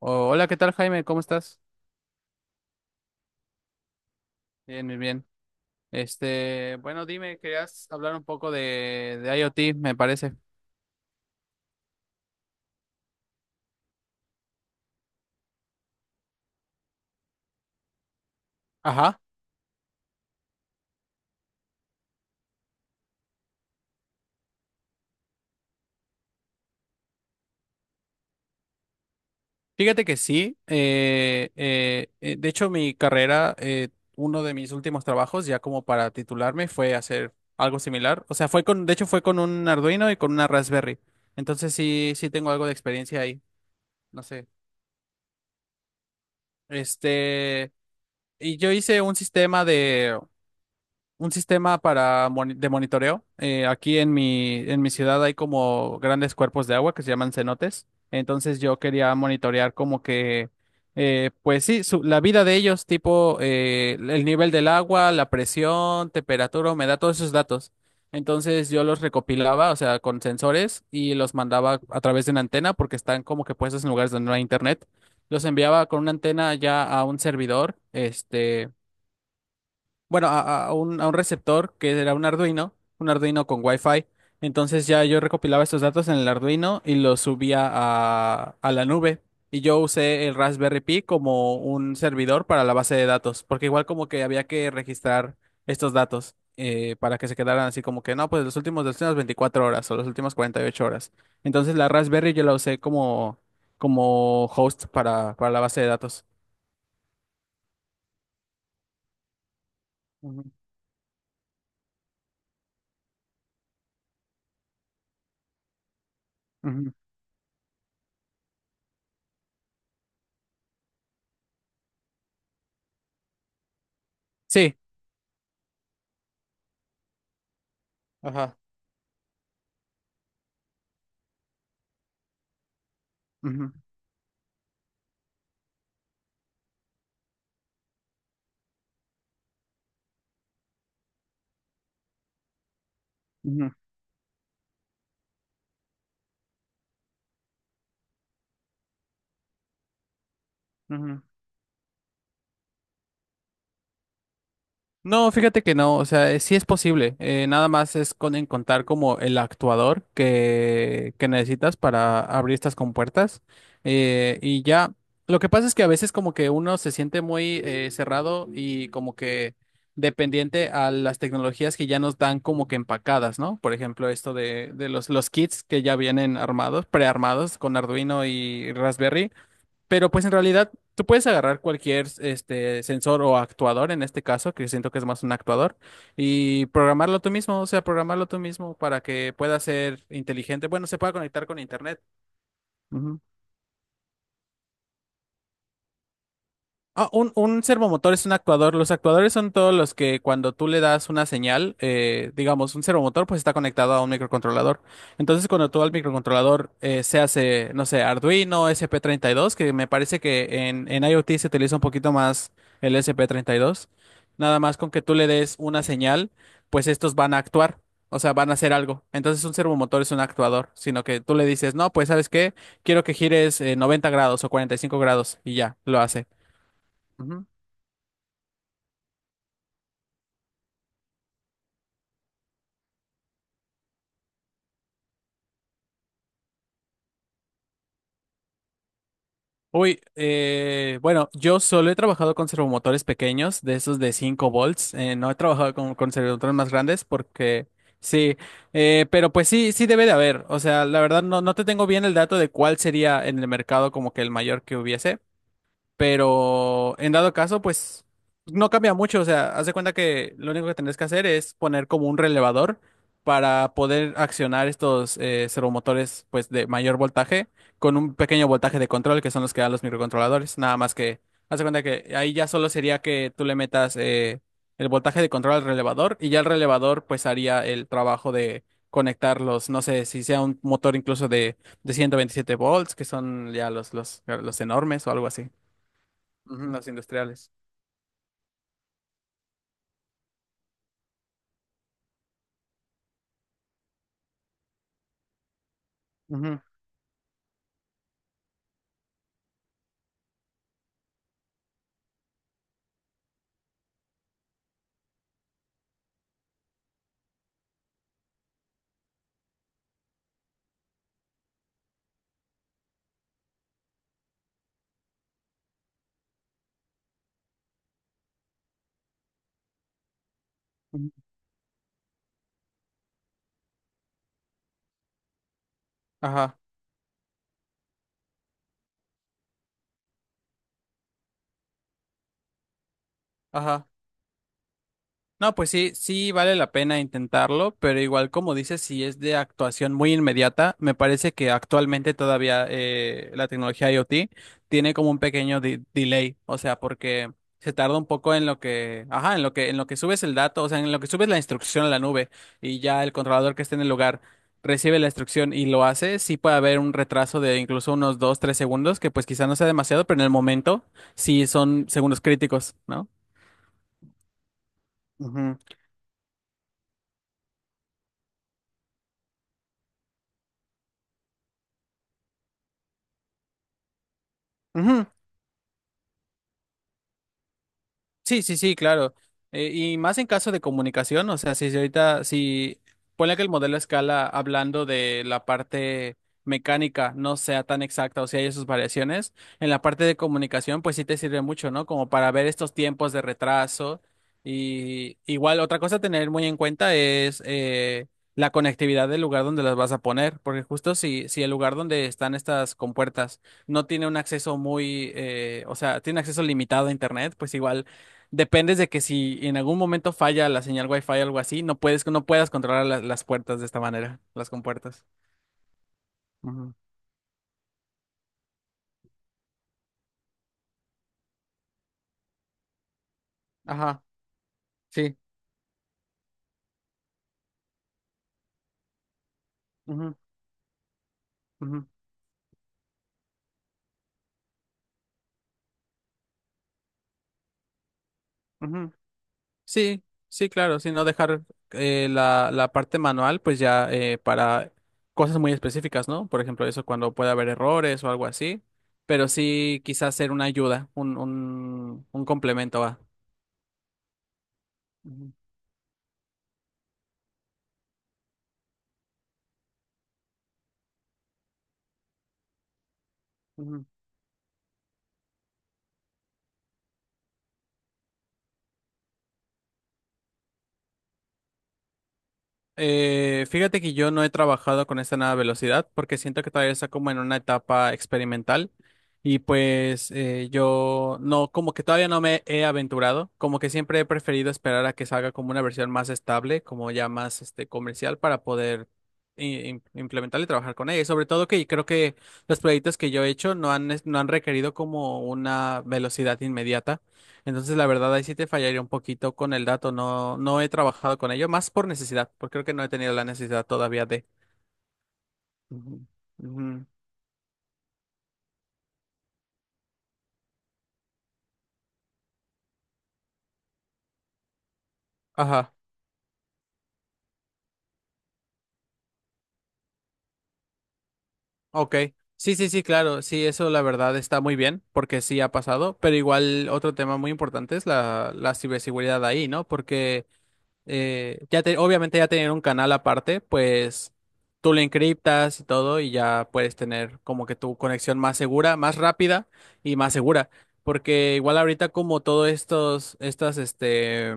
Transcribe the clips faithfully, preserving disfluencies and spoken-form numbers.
Oh, hola, ¿qué tal, Jaime? ¿Cómo estás? Bien, bien, bien. Este, bueno, dime, querías hablar un poco de, de IoT, me parece. Ajá. Fíjate que sí. Eh, eh, eh, de hecho, mi carrera, eh, uno de mis últimos trabajos, ya como para titularme, fue hacer algo similar. O sea, fue con, de hecho, fue con un Arduino y con una Raspberry. Entonces sí, sí tengo algo de experiencia ahí. No sé. Este, y yo hice un sistema de un sistema para moni- de monitoreo. Eh, aquí en mi, en mi ciudad hay como grandes cuerpos de agua que se llaman cenotes. Entonces yo quería monitorear como que, eh, pues sí, su- la vida de ellos, tipo eh, el nivel del agua, la presión, temperatura, humedad, todos esos datos. Entonces yo los recopilaba, o sea, con sensores y los mandaba a través de una antena porque están como que puestos en lugares donde no hay internet. Los enviaba con una antena ya a un servidor, este bueno, a, a un, a un receptor que era un Arduino, un Arduino con Wi-Fi. Entonces ya yo recopilaba estos datos en el Arduino y los subía a, a la nube. Y yo usé el Raspberry Pi como un servidor para la base de datos, porque igual como que había que registrar estos datos eh, para que se quedaran así como que, no, pues los últimos, las últimas veinticuatro horas o las últimas cuarenta y ocho horas. Entonces la Raspberry yo la usé como, como host para, para la base de datos. Ujú, ujú. Sí. Ajá. Ujú, ujú. Ujú. No, fíjate que no, o sea, eh, sí es posible, eh, nada más es con encontrar como el actuador que, que necesitas para abrir estas compuertas eh, y ya, lo que pasa es que a veces como que uno se siente muy eh, cerrado y como que dependiente a las tecnologías que ya nos dan como que empacadas, ¿no? Por ejemplo, esto de, de los, los kits que ya vienen armados, prearmados con Arduino y Raspberry. Pero pues en realidad tú puedes agarrar cualquier este sensor o actuador en este caso, que siento que es más un actuador, y programarlo tú mismo, o sea, programarlo tú mismo para que pueda ser inteligente. Bueno, se pueda conectar con internet. Ujú. Ah, un, un servomotor es un actuador. Los actuadores son todos los que cuando tú le das una señal, eh, digamos, un servomotor pues está conectado a un microcontrolador. Entonces cuando tú al microcontrolador eh, se hace, no sé, Arduino, S P treinta y dos, que me parece que en, en IoT se utiliza un poquito más el S P treinta y dos, nada más con que tú le des una señal, pues estos van a actuar. O sea, van a hacer algo. Entonces un servomotor es un actuador, sino que tú le dices, no, pues ¿sabes qué? Quiero que gires eh, noventa grados o cuarenta y cinco grados y ya, lo hace. Ujú. Uy, eh, bueno, yo solo he trabajado con servomotores pequeños, de esos de cinco volts. Eh, no he trabajado con, con servomotores más grandes porque sí, eh, pero pues sí, sí debe de haber. O sea, la verdad no, no te tengo bien el dato de cuál sería en el mercado como que el mayor que hubiese. Pero en dado caso, pues no cambia mucho. O sea, haz de cuenta que lo único que tenés que hacer es poner como un relevador para poder accionar estos eh, servomotores pues de mayor voltaje con un pequeño voltaje de control que son los que dan los microcontroladores. Nada más que haz de cuenta que ahí ya solo sería que tú le metas eh, el voltaje de control al relevador y ya el relevador pues haría el trabajo de conectar los, no sé, si sea un motor incluso de, de ciento veintisiete volts, que son ya los, los, los enormes o algo así. Ujú, los industriales. Ujú, ujú. Ajá, ajá. No, pues sí, sí vale la pena intentarlo, pero igual como dices, si es de actuación muy inmediata, me parece que actualmente todavía eh, la tecnología IoT tiene como un pequeño de- delay, o sea, porque se tarda un poco en lo que, ajá, en lo que, en lo que subes el dato, o sea, en lo que subes la instrucción a la nube y ya el controlador que esté en el lugar recibe la instrucción y lo hace, sí puede haber un retraso de incluso unos dos, tres segundos, que pues quizá no sea demasiado, pero en el momento sí son segundos críticos, ¿no? Ujú. Ujú. Sí, sí, sí, claro. Eh, y más en caso de comunicación, o sea, si si ahorita, si ponle que el modelo a escala, hablando de la parte mecánica, no sea tan exacta, o sea, hay sus variaciones, en la parte de comunicación, pues sí te sirve mucho, ¿no? Como para ver estos tiempos de retraso. Y igual, otra cosa a tener muy en cuenta es eh, la conectividad del lugar donde las vas a poner, porque justo si, si el lugar donde están estas compuertas no tiene un acceso muy, eh, o sea, tiene acceso limitado a Internet, pues igual dependes de que si en algún momento falla la señal Wi-Fi o algo así, no puedes, no puedas controlar la- las puertas de esta manera, las compuertas. Ujú. Ajá, sí. Ujú, ujú, ujú. Sí, sí, claro, sí, no dejar eh, la, la parte manual, pues ya eh, para cosas muy específicas, ¿no? Por ejemplo, eso cuando puede haber errores o algo así, pero sí quizás ser una ayuda, un, un, un complemento a. Ujú, ujú. Eh, fíjate que yo no he trabajado con esta nueva velocidad porque siento que todavía está como en una etapa experimental y pues eh, yo no, como que todavía no me he aventurado, como que siempre he preferido esperar a que salga como una versión más estable, como ya más este comercial para poder i- im- implementarla y trabajar con ella. Y sobre todo que creo que los proyectos que yo he hecho no han, es- no han requerido como una velocidad inmediata. Entonces, la verdad, ahí sí te fallaría un poquito con el dato. No, no he trabajado con ello, más por necesidad, porque creo que no he tenido la necesidad todavía de. Ujú, ujú. Ajá, ok. Sí, sí, sí, claro. Sí, eso la verdad está muy bien, porque sí ha pasado. Pero igual otro tema muy importante es la, la ciberseguridad ahí, ¿no? Porque eh, ya te- obviamente ya tener un canal aparte, pues tú lo encriptas y todo y ya puedes tener como que tu conexión más segura, más rápida y más segura, porque igual ahorita como todos estos, estas, este,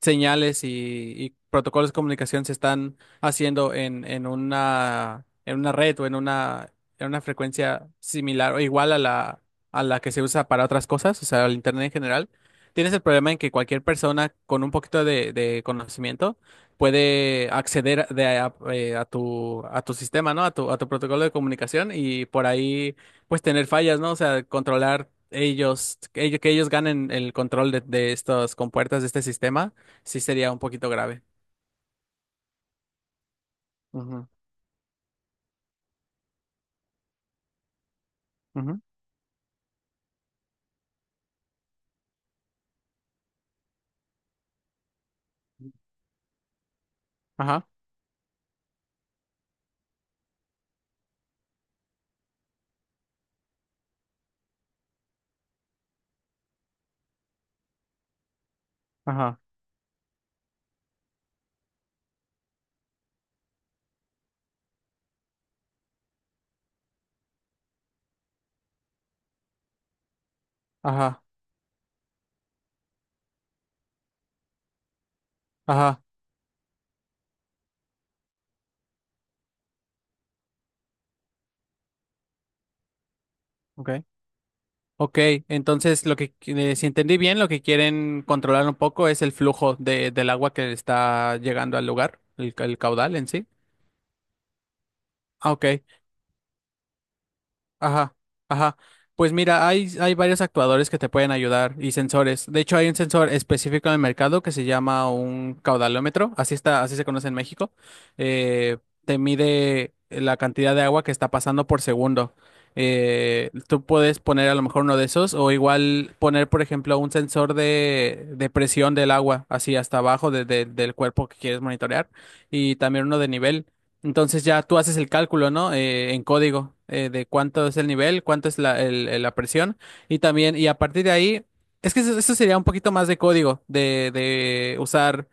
señales y, y protocolos de comunicación se están haciendo en, en una, en una red o en una, en una frecuencia similar o igual a la, a la que se usa para otras cosas, o sea, el internet en general. Tienes el problema en que cualquier persona con un poquito de, de conocimiento puede acceder de a, eh, a tu, a tu sistema, ¿no? A tu, a tu protocolo de comunicación y por ahí pues tener fallas, ¿no? O sea, controlar ellos, que ellos, que ellos ganen el control de, de estas compuertas de este sistema, sí sería un poquito grave. Ujú, ujú. Ajá, ajá, ajá, ajá, ok. Ok, entonces lo que, eh, si entendí bien, lo que quieren controlar un poco es el flujo de, del agua que está llegando al lugar, el, ca- el caudal en sí. Ah, ok, ajá, ajá. Pues mira, hay, hay varios actuadores que te pueden ayudar y sensores. De hecho, hay un sensor específico en el mercado que se llama un caudalómetro, así está, así se conoce en México. Eh, Te mide la cantidad de agua que está pasando por segundo. Eh, tú puedes poner a lo mejor uno de esos o igual poner, por ejemplo, un sensor de, de presión del agua, así hasta abajo de- de- del cuerpo que quieres monitorear y también uno de nivel. Entonces ya tú haces el cálculo, ¿no? Eh, en código eh, de cuánto es el nivel, cuánto es la, el- el- la presión y también, y a partir de ahí, es que eso, eso sería un poquito más de código, de, de usar.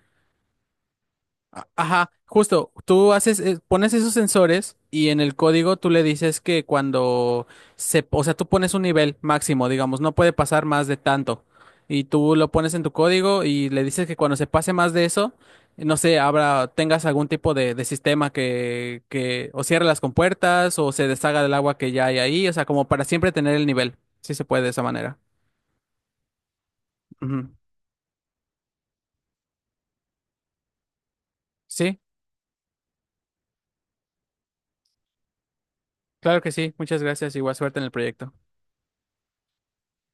Ajá, justo, tú haces, eh, pones esos sensores y en el código tú le dices que cuando se, o sea, tú pones un nivel máximo, digamos, no puede pasar más de tanto. Y tú lo pones en tu código y le dices que cuando se pase más de eso, no sé, habrá, tengas algún tipo de, de sistema que, que o cierre las compuertas o se deshaga del agua que ya hay ahí, o sea, como para siempre tener el nivel. Sí se puede de esa manera. Ujú. Sí, claro que sí. Muchas gracias y buena suerte en el proyecto.